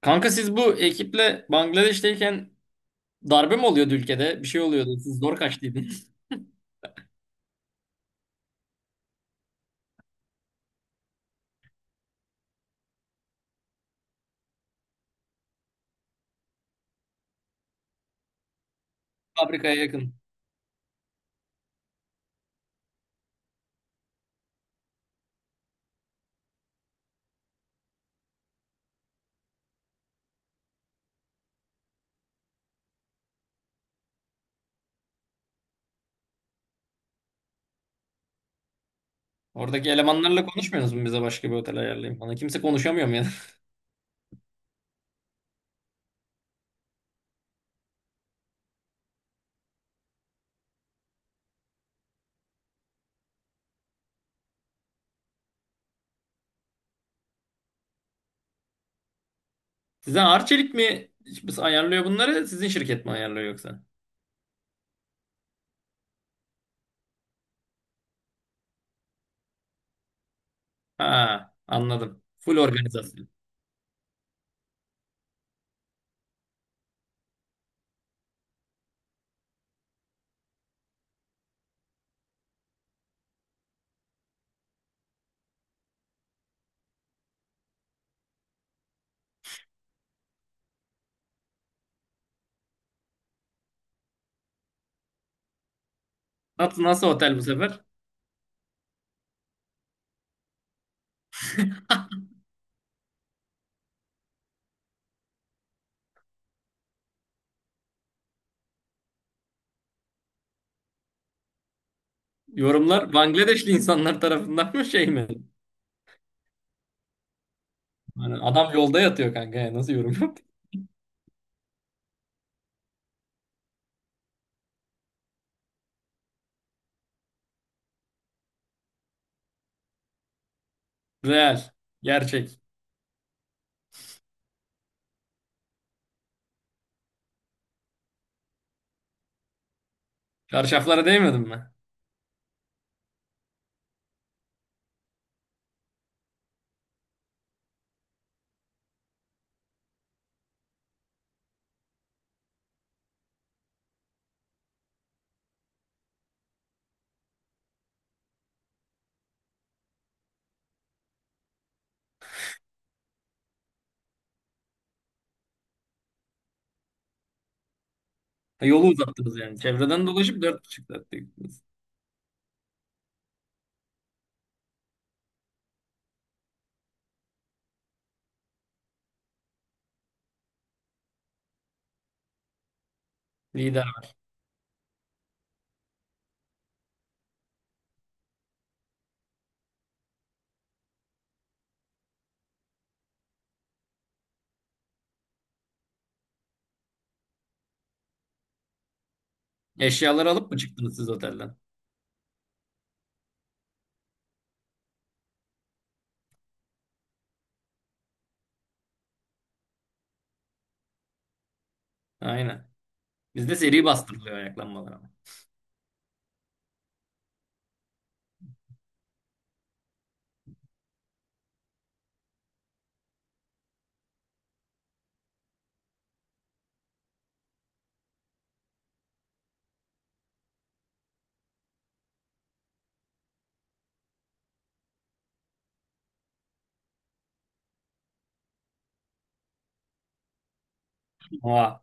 Kanka siz bu ekiple Bangladeş'teyken darbe mi oluyordu ülkede? Bir şey oluyordu. Siz zor kaçtıydınız. Fabrikaya yakın. Oradaki elemanlarla konuşmuyorsunuz mu bize başka bir otel ayarlayayım falan? Kimse konuşamıyor mu yani? Size Arçelik mi ayarlıyor bunları? Sizin şirket mi ayarlıyor yoksa? Ha, anladım. Full organizasyon. Nasıl, nasıl otel bu sefer? Yorumlar Bangladeşli insanlar tarafından mı şey mi? Hani adam yolda yatıyor kanka. Ya, nasıl yorum yaptı? Real. Gerçek. Çarşaflara değmedim mi? Ha, yolu uzattınız yani. Çevreden dolaşıp dört buçuk saatte gittiniz. Lider. Eşyaları alıp mı çıktınız siz otelden? Aynen. Bizde seri bastırılıyor ayaklanmalar ama. Oha.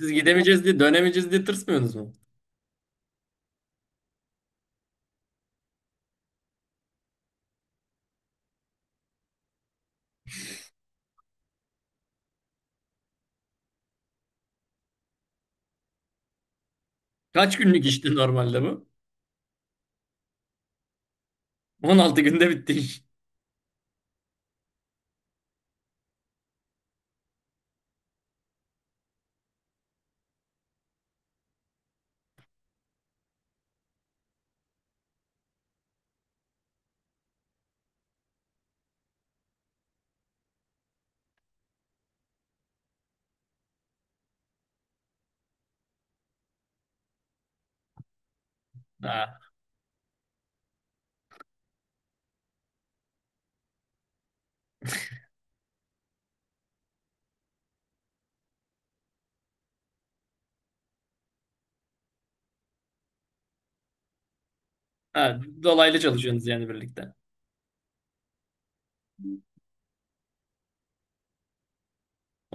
Siz gidemeyeceğiz diye dönemeyeceğiz diye tırsmıyorsunuz mu? Kaç günlük işti normalde bu? 16 günde bitti iş. Ha. Ha, dolaylı çalışıyorsunuz yani birlikte.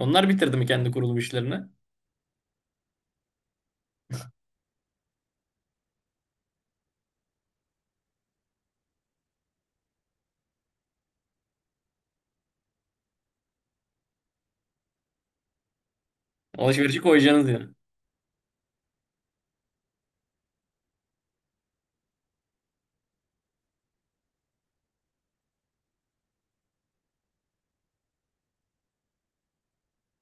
Onlar bitirdi mi kendi kurulum işlerini? Alışverişi koyacaksınız yani.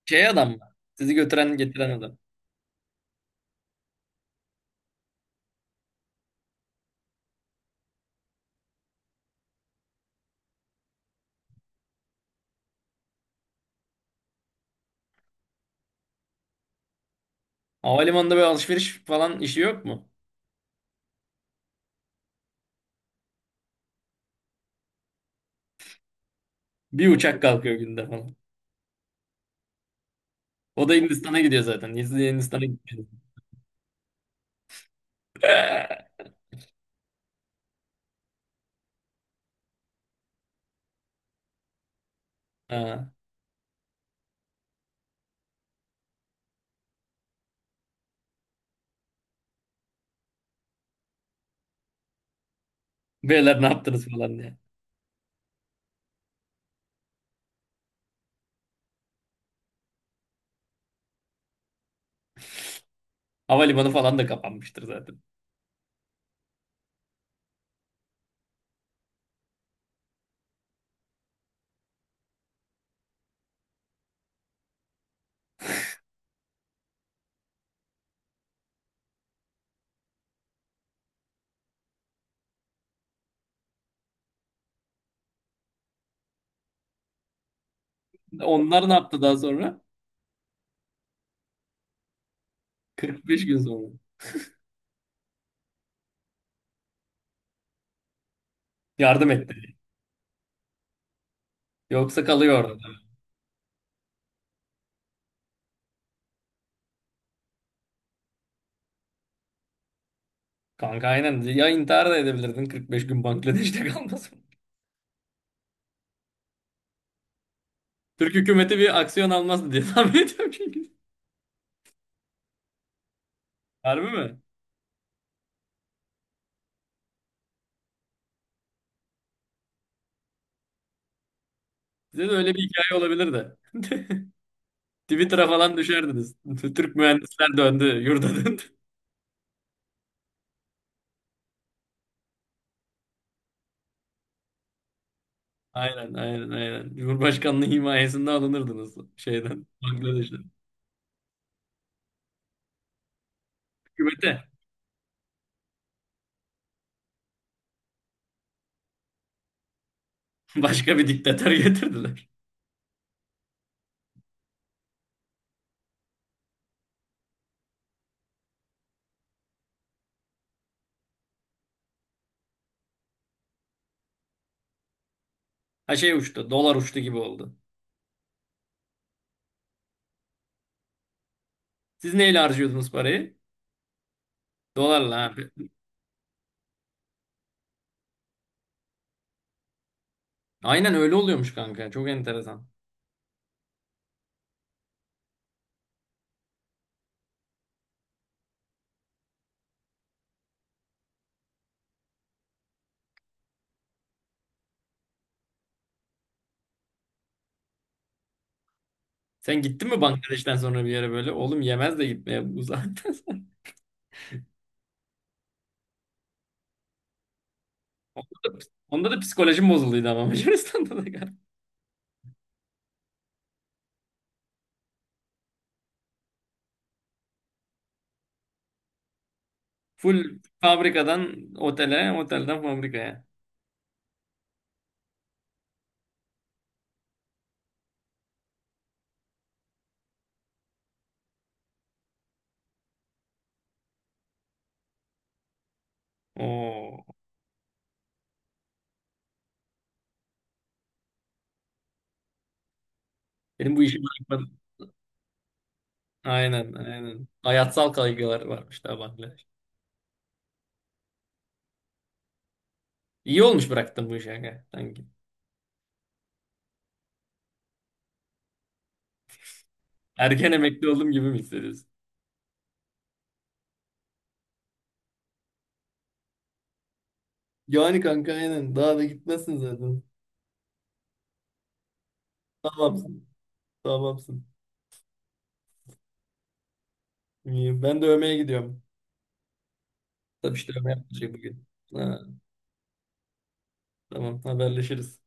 Şey adam mı? Sizi götüren getiren adam. Havalimanında böyle alışveriş falan işi yok mu? Bir uçak kalkıyor günde falan. O da Hindistan'a gidiyor zaten. Siz de Hindistan'a gidiyorsunuz. Ha. Beyler ne yaptınız falan diye. Havalimanı falan da kapanmıştır zaten. Onlar ne yaptı daha sonra? 45 gün sonra. Yardım etti. Yoksa kalıyor orada. Kanka aynen. Ya intihar da edebilirdin 45 gün Bangladeş'te kalmasın. Türk hükümeti bir aksiyon almazdı diye tahmin ediyorum çünkü. Harbi mi? Size de öyle bir hikaye olabilir de. Twitter'a falan düşerdiniz. Türk mühendisler döndü, yurda döndü. Aynen, aynen, aynen. Cumhurbaşkanlığı himayesinde alınırdınız şeyden. Bangladeş'ten. Hükümete. Başka bir diktatör getirdiler. Ha, şey uçtu. Dolar uçtu gibi oldu. Siz neyle harcıyordunuz parayı? Dolarla abi. Aynen öyle oluyormuş kanka. Çok enteresan. Sen gittin mi Bangladeş'ten sonra bir yere böyle? Oğlum yemez de gitmeye bu zaten. Onda da, onda da psikolojim bozulduydu ama Macaristan'da da galiba. Full fabrikadan otele, otelden fabrikaya. Oo. Benim bu işi bırakmadı. Aynen, aynen. Hayatsal kaygılar varmış daha bende. İyi olmuş bıraktım bu işi kanka sanki. Erken emekli oldum gibi mi hissediyorsun? Yani kanka aynen. Daha da gitmesin zaten. Tamamsın. Tamamsın. İyi. Ben de övmeye gidiyorum. Tabii işte övme yapacağım bugün. Ha, tamam haberleşiriz.